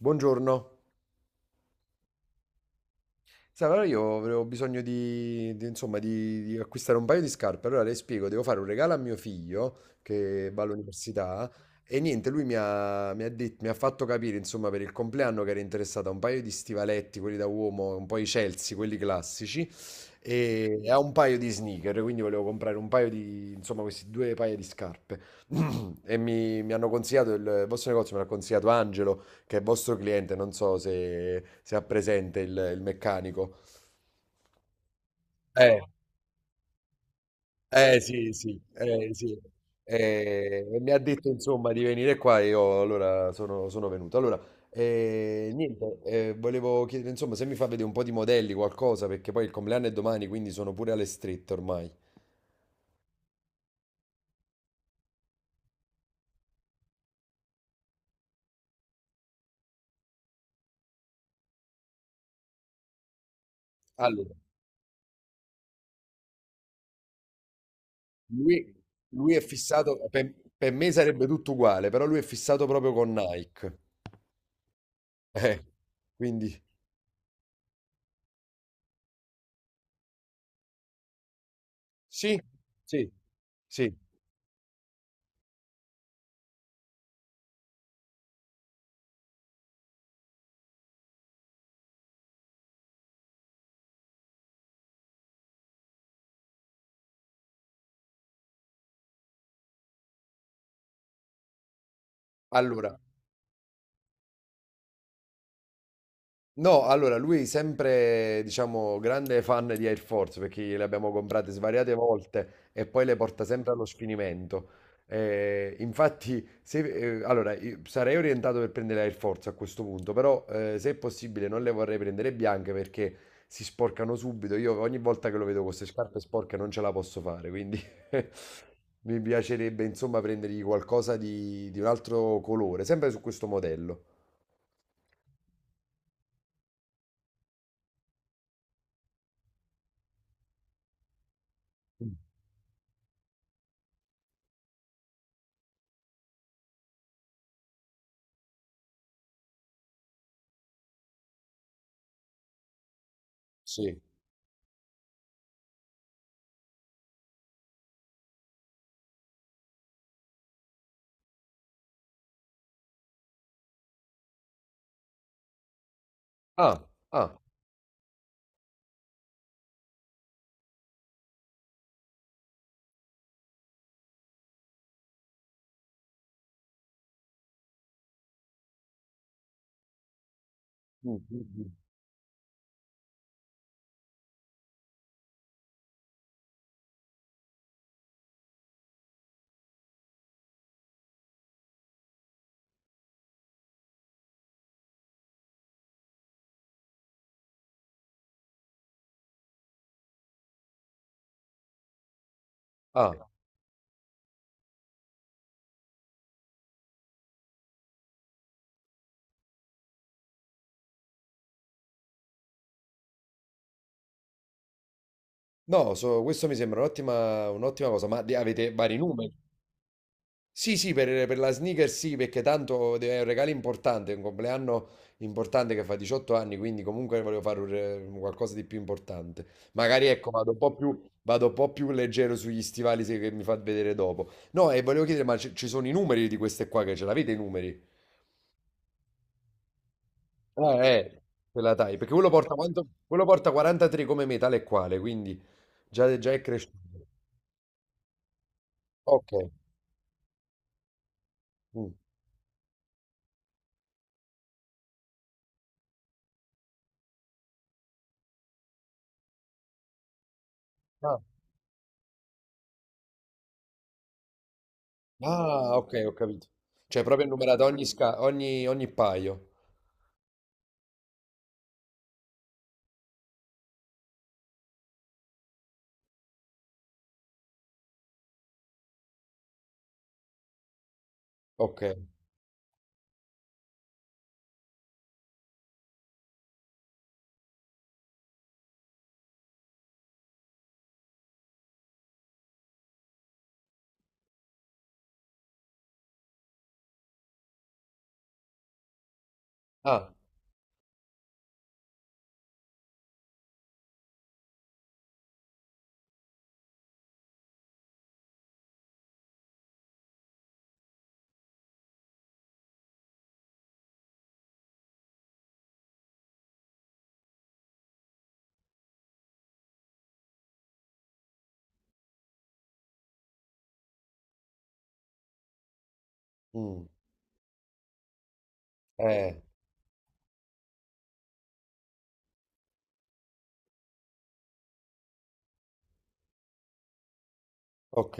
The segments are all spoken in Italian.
Buongiorno. Sai, allora io avevo bisogno di, insomma, di acquistare un paio di scarpe. Allora le spiego, devo fare un regalo a mio figlio che va all'università e niente, lui mi ha fatto capire, insomma, per il compleanno che era interessato a un paio di stivaletti, quelli da uomo, un po' i Chelsea, quelli classici, e a un paio di sneaker, quindi volevo comprare un paio di, insomma, questi due paia di scarpe. E mi hanno consigliato il vostro negozio, me l'ha consigliato Angelo, che è vostro cliente, non so se ha presente il meccanico. Eh, sì, sì, sì. E mi ha detto insomma di venire qua e io allora sono venuto. Allora, niente, volevo chiedere insomma se mi fa vedere un po' di modelli, qualcosa, perché poi il compleanno è domani, quindi sono pure alle strette ormai. Allora, lui, lui è fissato, per me sarebbe tutto uguale, però lui è fissato proprio con Nike. Eh, quindi sì, sì, sì. Allora No, allora lui sempre, diciamo, grande fan di Air Force perché le abbiamo comprate svariate volte e poi le porta sempre allo sfinimento. Infatti, se, Allora, io sarei orientato per prendere Air Force a questo punto, però se è possibile non le vorrei prendere bianche perché si sporcano subito. Io ogni volta che lo vedo con queste scarpe sporche non ce la posso fare, quindi mi piacerebbe insomma prendergli qualcosa di un altro colore, sempre su questo modello. Mm. Sì. Ah. Ah. Mm, mm, mm. Ah, no, questo mi sembra un'ottima cosa, ma avete vari numeri? Sì, sì, per la sneaker sì, perché tanto è un regalo importante, è un compleanno importante che fa 18 anni, quindi comunque volevo fare un qualcosa di più importante. Magari ecco, vado un po' più leggero sugli stivali che mi fa vedere dopo. No, e volevo chiedere, ma ci sono i numeri di queste qua che ce l'avete i numeri? Eh, eh, Quella taglia, perché quello porta, quello porta 43 come me, tale e quale, quindi già, già è cresciuto. Ok. Mm. Ah. Ah, ok, ho capito. Cioè, proprio numerato ogni paio. Ok. Ah, mm. Eh, ok.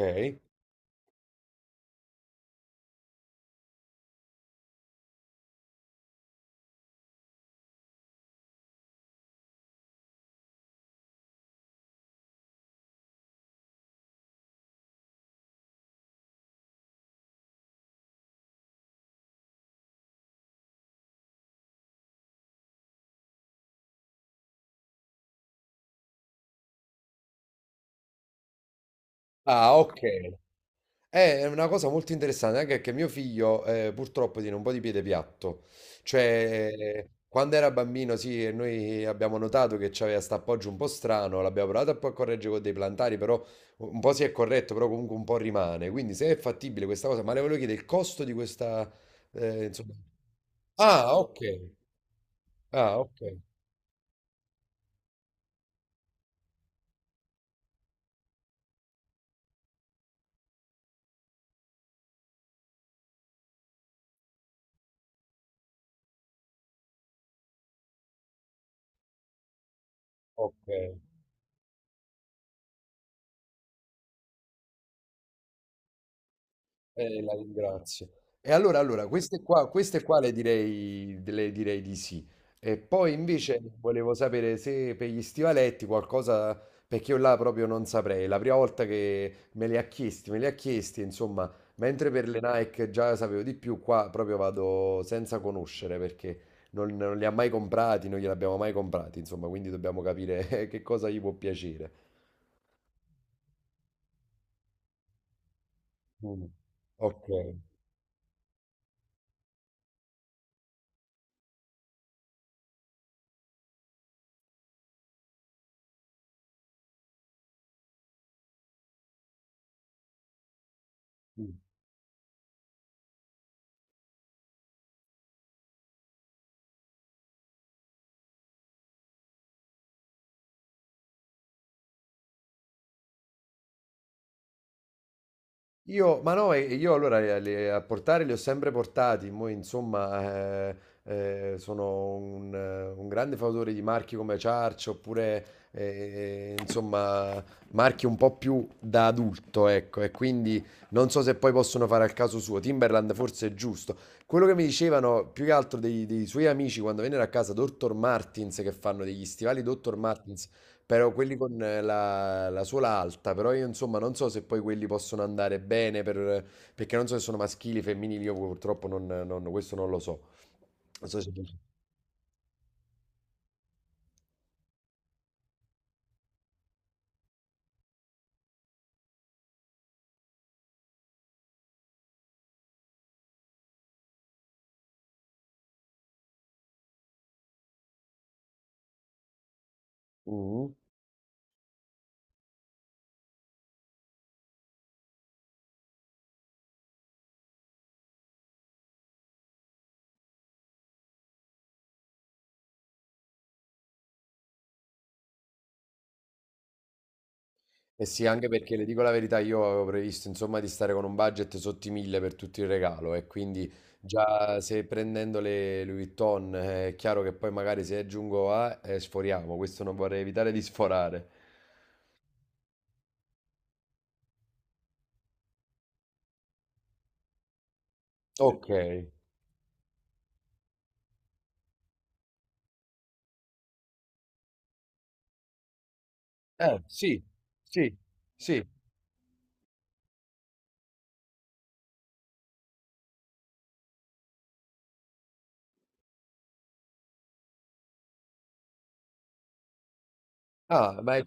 Ah, ok. È una cosa molto interessante, anche perché mio figlio, purtroppo tiene un po' di piede piatto, cioè, quando era bambino sì, e noi abbiamo notato che c'aveva sta appoggio un po' strano, l'abbiamo provato a poi a correggere con dei plantari, però un po' si è corretto, però comunque un po' rimane, quindi se è fattibile questa cosa, ma le volevo chiedere il costo di questa, insomma... Ah, ok, ah, ok, ok. La ringrazio. E allora, queste qua le direi di sì. E poi invece volevo sapere se per gli stivaletti qualcosa, perché io là proprio non saprei. La prima volta che me li ha chiesti, insomma, mentre per le Nike già sapevo di più, qua proprio vado senza conoscere perché non li ha mai comprati, non gliel'abbiamo mai comprati, insomma, quindi dobbiamo capire che cosa gli può piacere. Mm. Ok. Io, ma no, io allora a portare li ho sempre portati, mo insomma, sono un grande fautore di marchi come Ciarcio, oppure, insomma marchi un po' più da adulto, ecco, e quindi non so se poi possono fare al caso suo, Timberland forse è giusto. Quello che mi dicevano più che altro dei suoi amici quando vennero a casa, Dr. Martins, che fanno degli stivali Dr. Martins, però quelli con la suola alta, però io insomma non so se poi quelli possono andare bene perché non so se sono maschili, femminili, io purtroppo questo non lo so. Non so se... Mhm. E sì, anche perché le dico la verità, io avevo previsto insomma di stare con un budget sotto i 1000 per tutto il regalo e quindi già se prendendo le Louis Vuitton, è chiaro che poi magari se aggiungo A, sforiamo, questo non vorrei evitare di sforare. Ok, eh sì, sì, sì. Ah, ma è...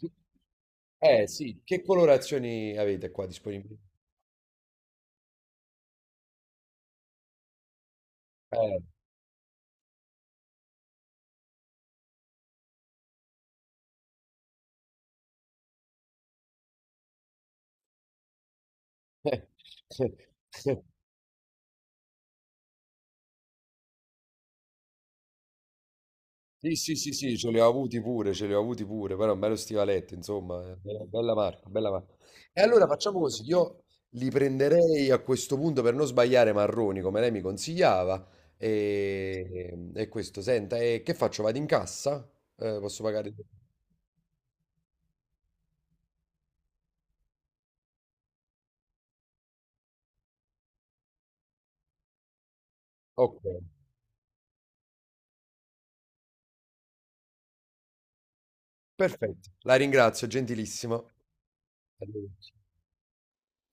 Eh sì, che colorazioni avete qua disponibili? Eh. Sì, sì, sì, sì, ce li ho avuti pure, ce li ho avuti pure, però un bello stivaletto, insomma, bella, bella marca, bella marca. E allora facciamo così, io li prenderei a questo punto per non sbagliare marroni, come lei mi consigliava, e questo, senta, e che faccio? Vado in cassa? Posso pagare? Ok, perfetto, la ringrazio, gentilissimo. Arrivederci.